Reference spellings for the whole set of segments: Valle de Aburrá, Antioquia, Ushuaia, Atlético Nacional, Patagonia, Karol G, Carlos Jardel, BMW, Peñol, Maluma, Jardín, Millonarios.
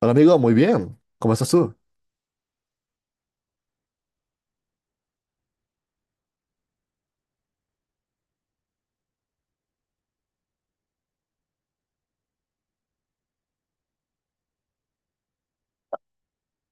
Hola amigo, muy bien. ¿Cómo estás tú?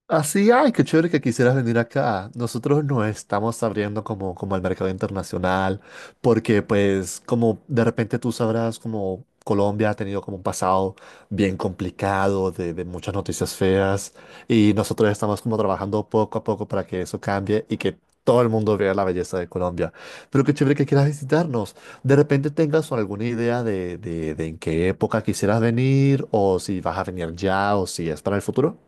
Así, ay, qué chévere que quisieras venir acá. Nosotros nos estamos abriendo como al mercado internacional, porque pues como de repente tú sabrás, como Colombia ha tenido como un pasado bien complicado de muchas noticias feas, y nosotros estamos como trabajando poco a poco para que eso cambie y que todo el mundo vea la belleza de Colombia. Pero qué chévere que quieras visitarnos. De repente tengas alguna idea de en qué época quisieras venir, o si vas a venir ya, o si es para el futuro.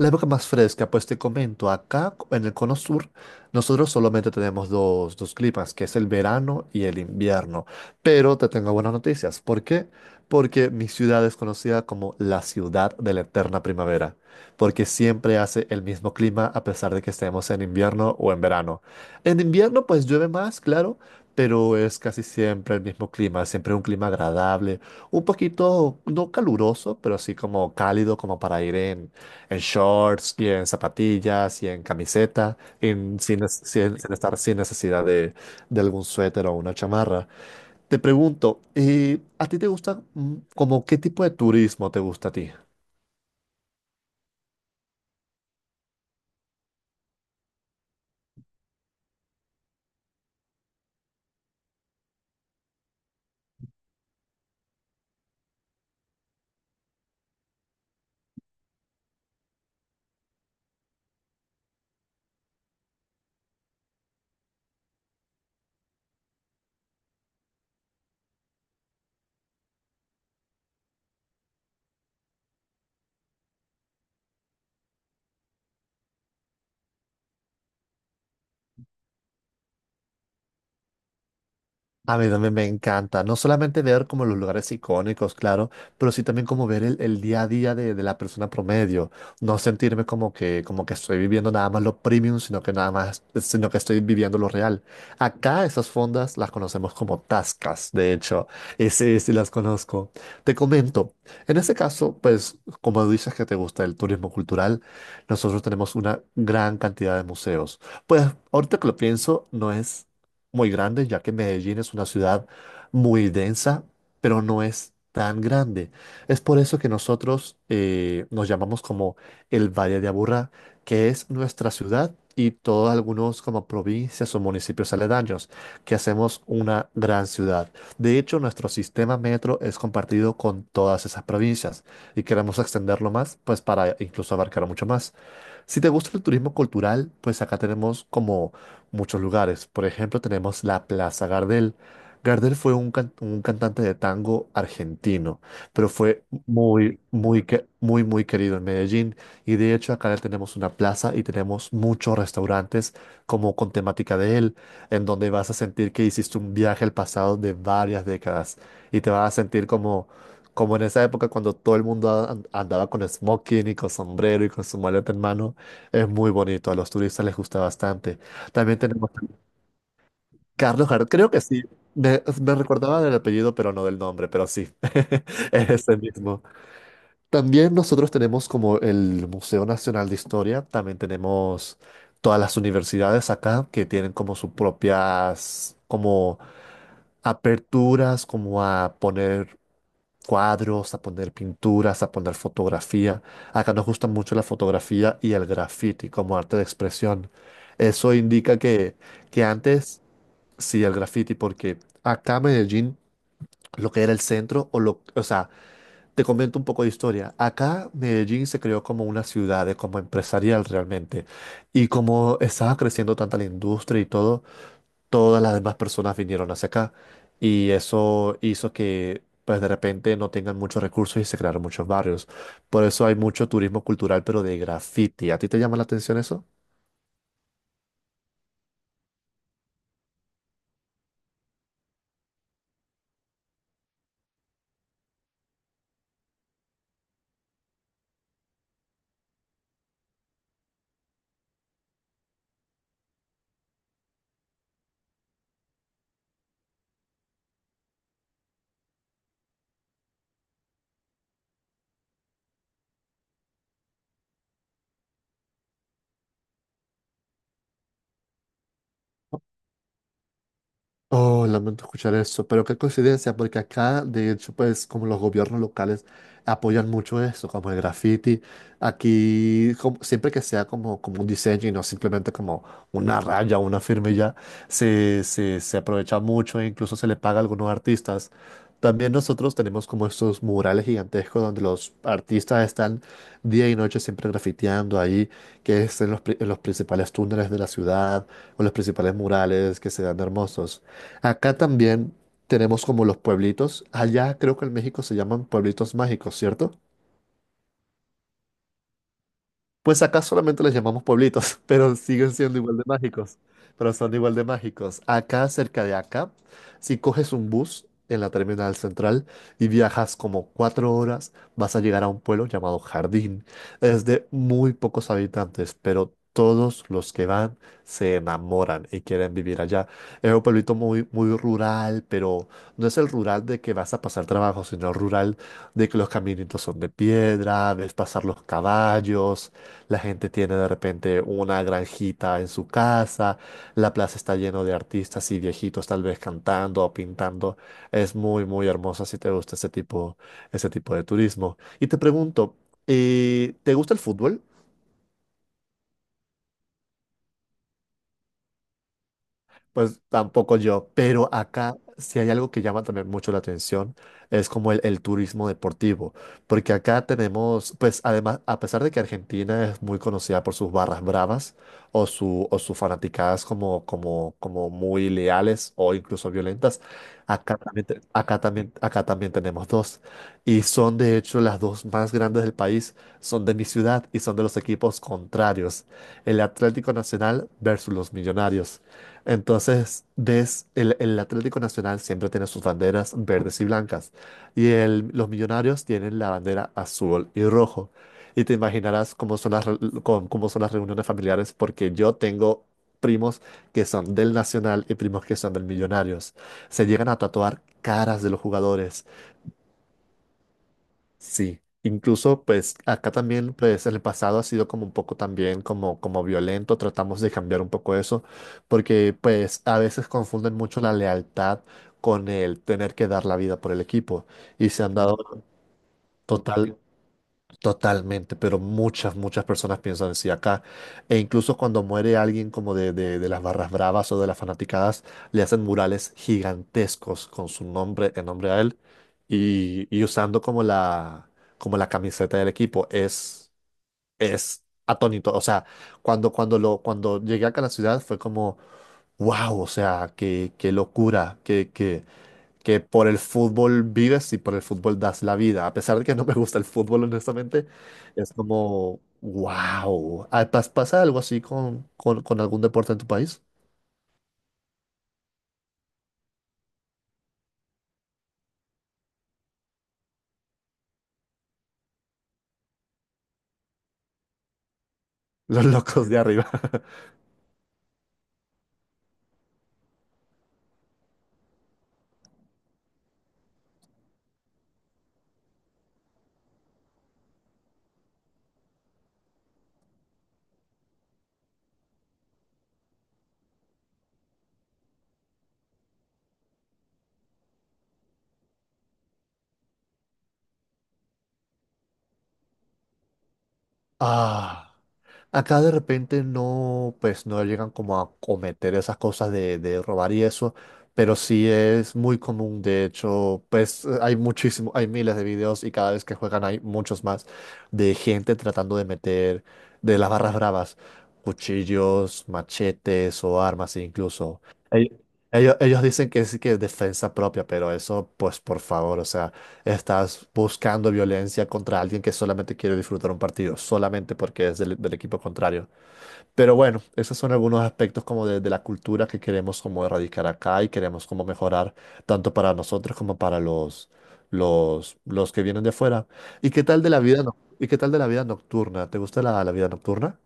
La época más fresca, pues te comento, acá en el cono sur, nosotros solamente tenemos dos climas, que es el verano y el invierno. Pero te tengo buenas noticias. ¿Por qué? Porque mi ciudad es conocida como la ciudad de la eterna primavera, porque siempre hace el mismo clima a pesar de que estemos en invierno o en verano. En invierno, pues llueve más, claro, pero es casi siempre el mismo clima, siempre un clima agradable, un poquito, no caluroso, pero sí como cálido, como para ir en shorts y en zapatillas y en camiseta, sin estar sin necesidad de algún suéter o una chamarra. Te pregunto, ¿a ti te gusta como qué tipo de turismo te gusta a ti? A mí también me encanta, no solamente ver como los lugares icónicos, claro, pero sí también como ver el día a día de la persona promedio, no sentirme como que estoy viviendo nada más lo premium, sino que nada más, sino que estoy viviendo lo real. Acá esas fondas las conocemos como tascas, de hecho, y sí, sí las conozco. Te comento, en este caso, pues como dices que te gusta el turismo cultural, nosotros tenemos una gran cantidad de museos. Pues ahorita que lo pienso, no es muy grande, ya que Medellín es una ciudad muy densa, pero no es tan grande. Es por eso que nosotros nos llamamos como el Valle de Aburrá, que es nuestra ciudad y todos algunos como provincias o municipios aledaños, que hacemos una gran ciudad. De hecho, nuestro sistema metro es compartido con todas esas provincias y queremos extenderlo más, pues para incluso abarcar mucho más. Si te gusta el turismo cultural, pues acá tenemos como muchos lugares. Por ejemplo, tenemos la Plaza Gardel. Gardel fue un cantante de tango argentino, pero fue muy, muy querido en Medellín. Y de hecho, acá le tenemos una plaza y tenemos muchos restaurantes como con temática de él, en donde vas a sentir que hiciste un viaje al pasado de varias décadas y te vas a sentir como en esa época cuando todo el mundo andaba con smoking y con sombrero y con su maleta en mano, es muy bonito, a los turistas les gusta bastante. También tenemos Carlos Jardel, creo que sí. Me recordaba del apellido, pero no del nombre, pero sí, es ese mismo. También nosotros tenemos como el Museo Nacional de Historia, también tenemos todas las universidades acá que tienen como sus propias como aperturas, como a poner cuadros, a poner pinturas, a poner fotografía. Acá nos gusta mucho la fotografía y el graffiti como arte de expresión. Eso indica que antes. Sí, el graffiti, porque acá en Medellín, lo que era el centro, o sea, te comento un poco de historia. Acá Medellín se creó como una ciudad, como empresarial realmente. Y como estaba creciendo tanta la industria y todo, todas las demás personas vinieron hacia acá. Y eso hizo que, pues de repente, no tengan muchos recursos y se crearon muchos barrios. Por eso hay mucho turismo cultural, pero de graffiti. ¿A ti te llama la atención eso? Oh, lamento escuchar eso, pero qué coincidencia, porque acá, de hecho, pues como los gobiernos locales apoyan mucho eso, como el graffiti, aquí siempre que sea como un diseño y no simplemente como una raya o una firma y ya se aprovecha mucho e incluso se le paga a algunos artistas. También nosotros tenemos como estos murales gigantescos donde los artistas están día y noche siempre grafiteando ahí, que es en los principales túneles de la ciudad o los principales murales que se dan hermosos. Acá también tenemos como los pueblitos. Allá creo que en México se llaman pueblitos mágicos, ¿cierto? Pues acá solamente les llamamos pueblitos, pero siguen siendo igual de mágicos. Pero son igual de mágicos. Acá, cerca de acá, si coges un bus en la terminal central y viajas como 4 horas, vas a llegar a un pueblo llamado Jardín. Es de muy pocos habitantes, pero todos los que van se enamoran y quieren vivir allá. Es un pueblito muy, muy rural, pero no es el rural de que vas a pasar trabajo, sino el rural de que los caminitos son de piedra, ves pasar los caballos la gente tiene de repente una granjita en su casa, la plaza está lleno de artistas y viejitos tal vez cantando o pintando. Es muy, muy hermosa si te gusta ese tipo de turismo. Y te pregunto, ¿te gusta el fútbol? Pues tampoco yo, pero acá si hay algo que llama también mucho la atención, es como el turismo deportivo, porque acá tenemos, pues además, a pesar de que Argentina es muy conocida por sus barras bravas o sus fanaticadas como muy leales o incluso violentas. Acá también, te- acá también, acá también tenemos dos, y son de hecho las dos más grandes del país, son de mi ciudad y son de los equipos contrarios, el Atlético Nacional versus los Millonarios. Entonces, el Atlético Nacional siempre tiene sus banderas verdes y blancas y los millonarios tienen la bandera azul y rojo. Y te imaginarás cómo son las, re- cómo cómo son las reuniones familiares porque yo tengo primos que son del Nacional y primos que son del Millonarios. Se llegan a tatuar caras de los jugadores. Sí, incluso pues acá también pues en el pasado ha sido como un poco también como violento, tratamos de cambiar un poco eso, porque pues a veces confunden mucho la lealtad con el tener que dar la vida por el equipo y se han dado total, Totalmente, pero muchas, muchas personas piensan así acá. E incluso cuando muere alguien como de las barras bravas o de las fanaticadas, le hacen murales gigantescos con su nombre en nombre a él y usando como como la camiseta del equipo. Es atónito. O sea, cuando llegué acá a la ciudad fue como, wow, o sea, qué locura, qué qué que por el fútbol vives y por el fútbol das la vida. A pesar de que no me gusta el fútbol, honestamente, es como, wow. ¿Pasa algo así con algún deporte en tu país? Los locos de arriba. Ah. Acá de repente no, pues no llegan como a cometer esas cosas de robar y eso, pero sí es muy común. De hecho, pues hay muchísimo, hay miles de videos y cada vez que juegan hay muchos más de gente tratando de meter de las barras bravas, cuchillos, machetes o armas incluso. Ell- ellos dicen que sí que es defensa propia, pero eso, pues por favor, o sea. Estás buscando violencia contra alguien que solamente quiere disfrutar un partido, solamente porque es del equipo contrario. Pero bueno, esos son algunos aspectos como de la cultura que queremos como erradicar acá y queremos como mejorar tanto para nosotros como para los que vienen de afuera. ¿Y qué tal de la vida, noc- y qué tal de la vida nocturna? ¿Te gusta la vida nocturna?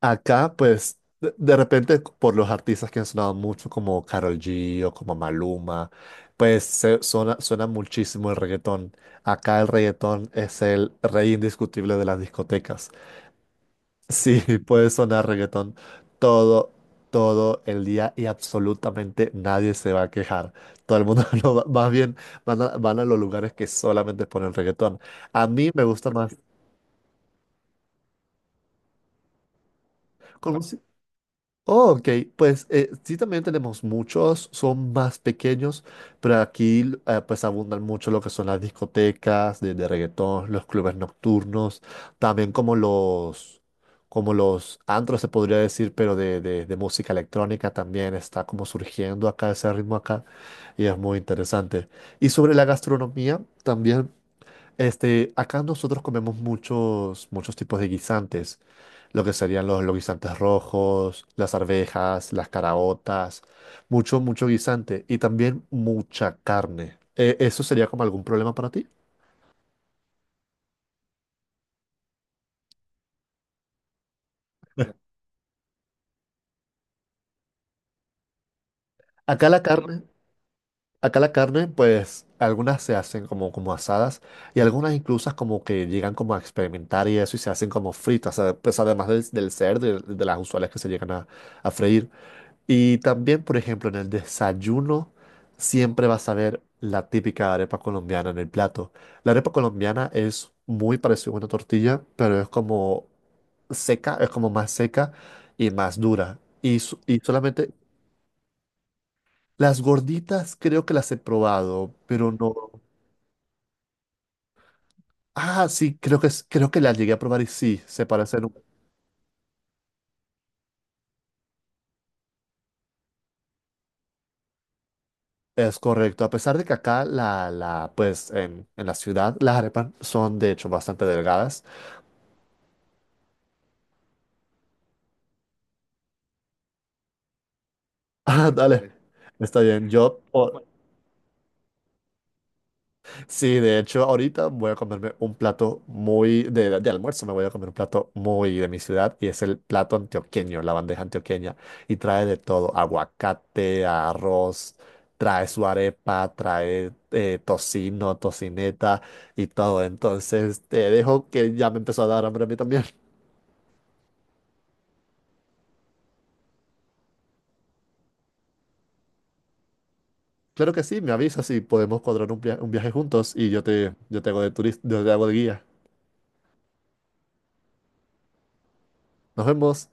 Acá, pues, de repente, por los artistas que han sonado mucho, como Karol G o como Maluma, pues suena muchísimo el reggaetón. Acá el reggaetón es el rey indiscutible de las discotecas. Sí, puede sonar reggaetón todo, todo el día y absolutamente nadie se va a quejar. Todo el mundo más bien van a los lugares que solamente ponen reggaetón. A mí me gusta más. Oh, ok, pues sí también tenemos muchos, son más pequeños, pero aquí pues abundan mucho lo que son las discotecas de reggaetón, los clubes nocturnos, también como como los antros se podría decir, pero de música electrónica también está como surgiendo acá ese ritmo acá y es muy interesante. Y sobre la gastronomía también, acá nosotros comemos muchos, muchos tipos de guisantes lo que serían los guisantes rojos, las arvejas, las caraotas, mucho, mucho guisante y también mucha carne. ¿Eso sería como algún problema para ti? Acá la No, acá la carne, pues algunas se hacen como asadas y algunas incluso como que llegan como a experimentar y eso y se hacen como fritas, pues además del cerdo, y de las usuales que se llegan a freír. Y también, por ejemplo, en el desayuno siempre vas a ver la típica arepa colombiana en el plato. La arepa colombiana es muy parecida a una tortilla, pero es como seca, es como más seca y más dura. Y solamente las gorditas creo que las he probado, pero no. Ah, sí, creo que las llegué a probar y sí, se parecen. Es correcto. A pesar de que acá, pues en, la ciudad, las arepas son de hecho bastante delgadas. Ah, dale. Vale. Está bien. Bueno, sí, de hecho, ahorita voy a comerme un plato muy de almuerzo. Me voy a comer un plato muy de mi ciudad y es el plato antioqueño, la bandeja antioqueña. Y trae de todo: aguacate, arroz, trae su arepa, trae tocino, tocineta y todo. Entonces, te dejo que ya me empezó a dar hambre a mí también. Claro que sí, me avisas y podemos cuadrar un viaje juntos y yo te hago de turista, yo te hago de guía. Nos vemos.